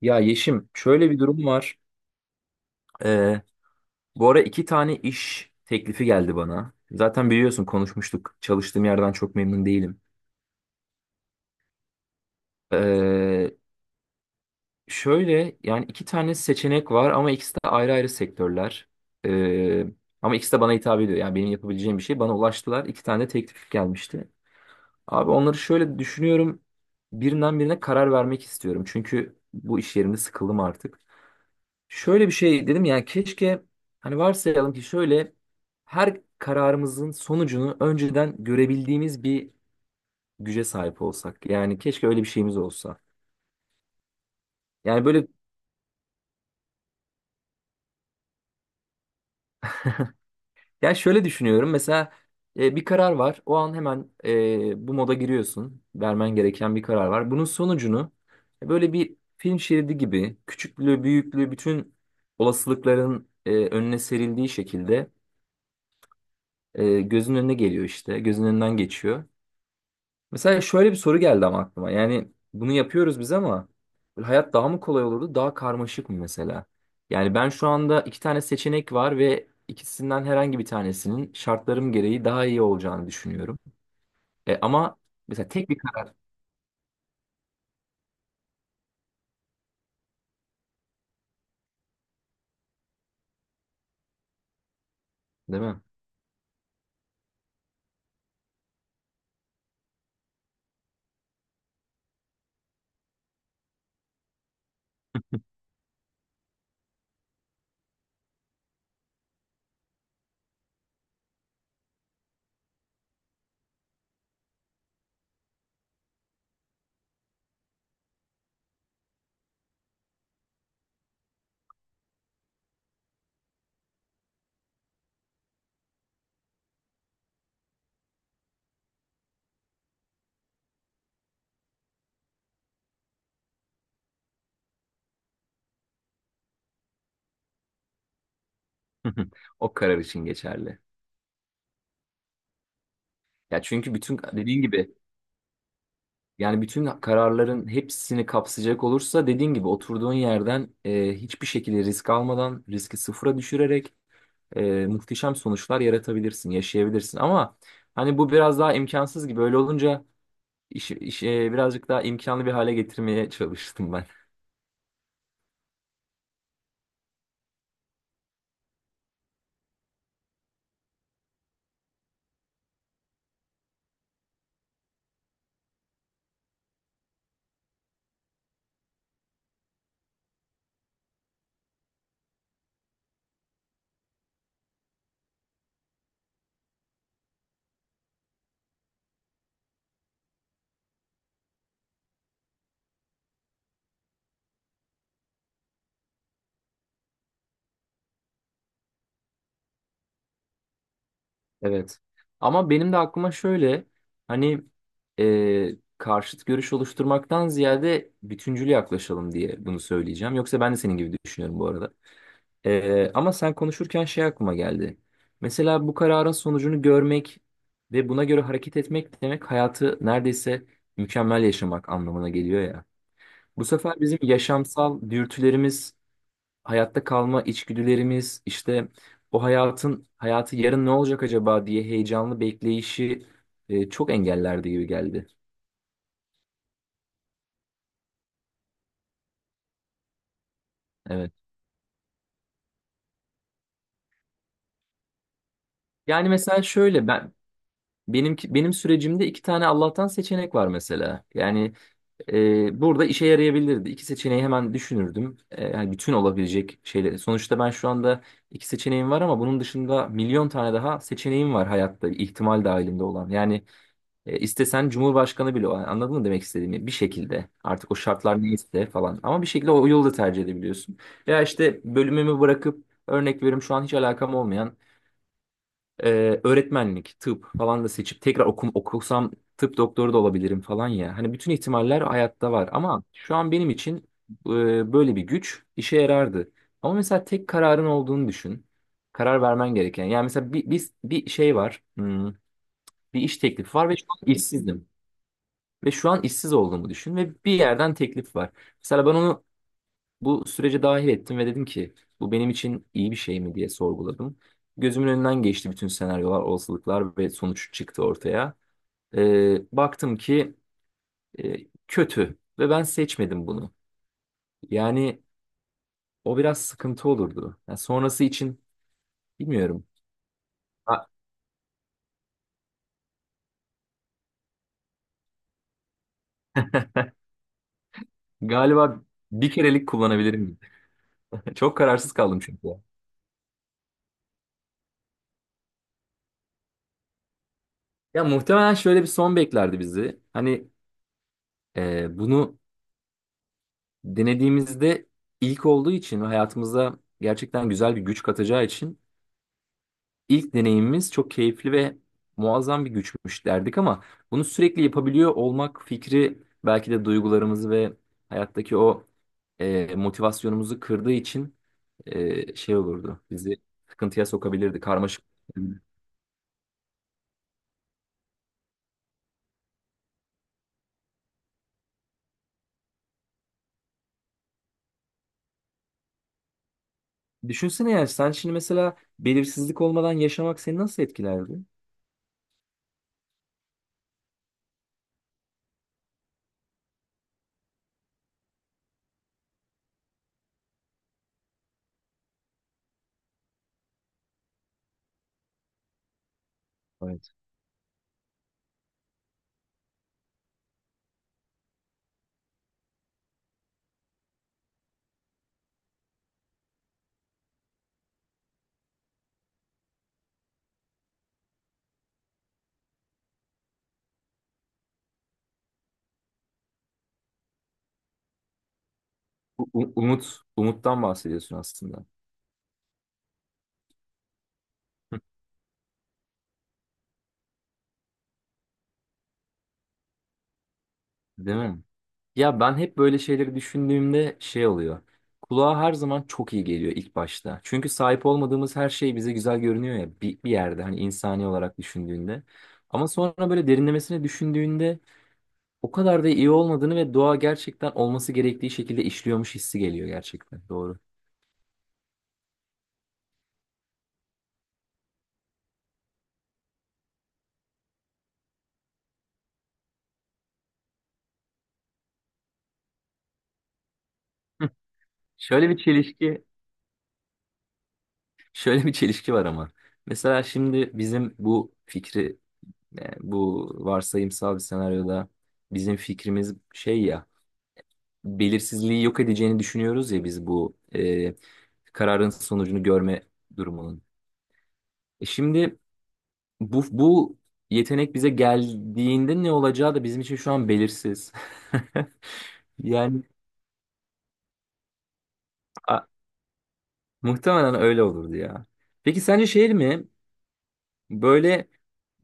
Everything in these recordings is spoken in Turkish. Ya Yeşim, şöyle bir durum var. Ee, bu ara iki tane iş teklifi geldi bana. Zaten biliyorsun konuşmuştuk. Çalıştığım yerden çok memnun değilim. Ee, şöyle yani iki tane seçenek var ama ikisi de ayrı ayrı sektörler. Ee, ama ikisi de bana hitap ediyor. Yani benim yapabileceğim bir şey. Bana ulaştılar. İki tane de teklif gelmişti. Abi onları şöyle düşünüyorum. Birinden birine karar vermek istiyorum. Çünkü bu iş yerimde sıkıldım artık. Şöyle bir şey dedim yani keşke hani varsayalım ki şöyle her kararımızın sonucunu önceden görebildiğimiz bir güce sahip olsak. Yani keşke öyle bir şeyimiz olsa. Yani böyle ya şöyle düşünüyorum mesela bir karar var. O an hemen bu moda giriyorsun. Vermen gereken bir karar var. Bunun sonucunu böyle bir film şeridi gibi küçüklüğü, büyüklüğü bütün olasılıkların önüne serildiği şekilde gözünün önüne geliyor işte. Gözünün önünden geçiyor. Mesela şöyle bir soru geldi ama aklıma. Yani bunu yapıyoruz biz ama böyle hayat daha mı kolay olurdu, daha karmaşık mı mesela? Yani ben şu anda iki tane seçenek var ve ikisinden herhangi bir tanesinin şartlarım gereği daha iyi olacağını düşünüyorum. Ama mesela tek bir karar, değil mi? O karar için geçerli. Ya çünkü bütün dediğin gibi yani bütün kararların hepsini kapsayacak olursa dediğin gibi oturduğun yerden hiçbir şekilde risk almadan riski sıfıra düşürerek muhteşem sonuçlar yaratabilirsin, yaşayabilirsin. Ama hani bu biraz daha imkansız gibi. Öyle olunca birazcık daha imkanlı bir hale getirmeye çalıştım ben. Evet. Ama benim de aklıma şöyle hani e, karşıt görüş oluşturmaktan ziyade bütüncül yaklaşalım diye bunu söyleyeceğim. Yoksa ben de senin gibi düşünüyorum bu arada. Ama sen konuşurken şey aklıma geldi. Mesela bu kararın sonucunu görmek ve buna göre hareket etmek demek hayatı neredeyse mükemmel yaşamak anlamına geliyor ya. Bu sefer bizim yaşamsal dürtülerimiz, hayatta kalma içgüdülerimiz, işte o hayatın hayatı yarın ne olacak acaba diye heyecanlı bekleyişi çok engellerdi gibi geldi. Evet. Yani mesela şöyle benim sürecimde iki tane Allah'tan seçenek var mesela. Yani burada işe yarayabilirdi. İki seçeneği hemen düşünürdüm. Yani bütün olabilecek şeyleri. Sonuçta ben şu anda iki seçeneğim var ama bunun dışında milyon tane daha seçeneğim var hayatta ihtimal dahilinde olan. Yani istesen Cumhurbaşkanı bile o. Hani anladın mı demek istediğimi? Bir şekilde artık o şartlar neyse falan. Ama bir şekilde o yolu da tercih edebiliyorsun. Veya işte bölümümü bırakıp örnek veriyorum şu an hiç alakam olmayan öğretmenlik, tıp falan da seçip tekrar okusam tıp doktoru da olabilirim falan ya. Hani bütün ihtimaller hayatta var ama şu an benim için böyle bir güç işe yarardı. Ama mesela tek kararın olduğunu düşün. Karar vermen gereken. Yani mesela bir şey var. Bir iş teklifi var ve şu an işsizdim. Ve şu an işsiz olduğumu düşün ve bir yerden teklif var. Mesela ben onu bu sürece dahil ettim ve dedim ki bu benim için iyi bir şey mi diye sorguladım. Gözümün önünden geçti bütün senaryolar, olasılıklar ve sonuç çıktı ortaya. Baktım ki e, kötü ve ben seçmedim bunu. Yani o biraz sıkıntı olurdu. Yani sonrası için bilmiyorum. Ha, galiba bir kerelik kullanabilirim. Çok kararsız kaldım çünkü. Ya muhtemelen şöyle bir son beklerdi bizi. Hani bunu denediğimizde ilk olduğu için ve hayatımıza gerçekten güzel bir güç katacağı için ilk deneyimimiz çok keyifli ve muazzam bir güçmüş derdik ama bunu sürekli yapabiliyor olmak fikri belki de duygularımızı ve hayattaki o motivasyonumuzu kırdığı için şey olurdu. Bizi sıkıntıya sokabilirdi, karmaşık. Düşünsene yani sen şimdi mesela belirsizlik olmadan yaşamak seni nasıl etkilerdi? Evet. Umuttan bahsediyorsun aslında. Değil mi? Ya ben hep böyle şeyleri düşündüğümde şey oluyor. Kulağa her zaman çok iyi geliyor ilk başta. Çünkü sahip olmadığımız her şey bize güzel görünüyor ya bir yerde hani insani olarak düşündüğünde. Ama sonra böyle derinlemesine düşündüğünde o kadar da iyi olmadığını ve doğa gerçekten olması gerektiği şekilde işliyormuş hissi geliyor gerçekten. Doğru. Hı. Şöyle bir çelişki, şöyle bir çelişki var ama. Mesela şimdi bizim bu fikri, bu varsayımsal bir senaryoda bizim fikrimiz şey ya. Belirsizliği yok edeceğini düşünüyoruz ya biz bu kararın sonucunu görme durumunun. E şimdi bu yetenek bize geldiğinde ne olacağı da bizim için şu an belirsiz. Yani a- muhtemelen öyle olurdu ya. Peki sence şey mi? Böyle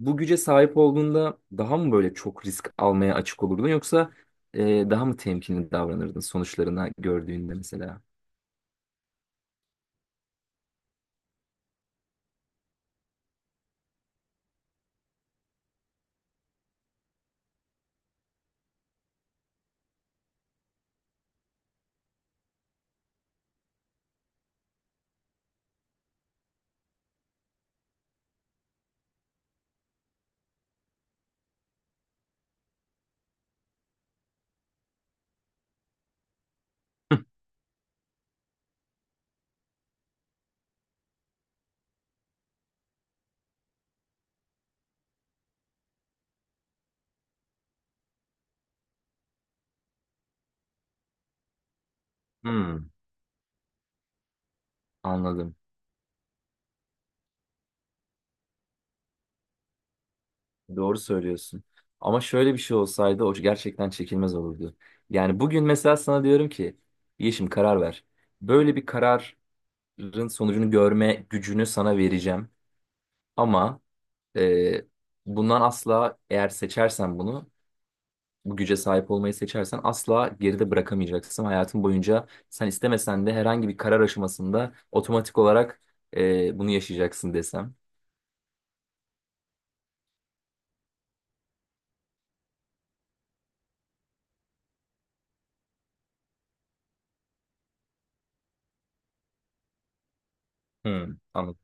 bu güce sahip olduğunda daha mı böyle çok risk almaya açık olurdun yoksa daha mı temkinli davranırdın sonuçlarına gördüğünde mesela? Hmm, anladım. Doğru söylüyorsun. Ama şöyle bir şey olsaydı o gerçekten çekilmez olurdu. Yani bugün mesela sana diyorum ki Yeşim karar ver. Böyle bir kararın sonucunu görme gücünü sana vereceğim. Ama e, bundan asla eğer seçersen bunu bu güce sahip olmayı seçersen asla geride bırakamayacaksın. Hayatın boyunca sen istemesen de herhangi bir karar aşamasında otomatik olarak bunu yaşayacaksın desem. Hmm, anladım.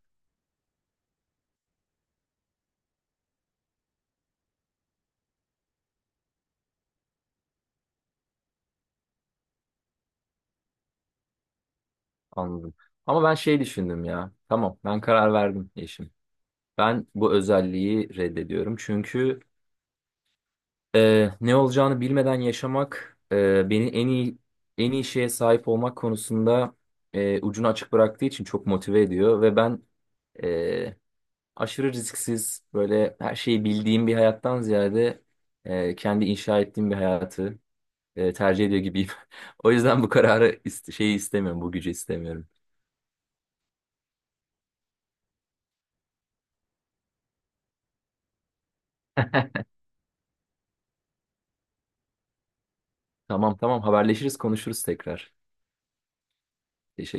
Anladım. Ama ben şey düşündüm ya. Tamam, ben karar verdim eşim. Ben bu özelliği reddediyorum. Çünkü ne olacağını bilmeden yaşamak beni en iyi şeye sahip olmak konusunda ucunu açık bıraktığı için çok motive ediyor ve ben e, aşırı risksiz böyle her şeyi bildiğim bir hayattan ziyade kendi inşa ettiğim bir hayatı tercih ediyor gibiyim. O yüzden bu kararı şeyi istemiyorum, bu gücü istemiyorum. Tamam, tamam, haberleşiriz konuşuruz tekrar. Teşekkür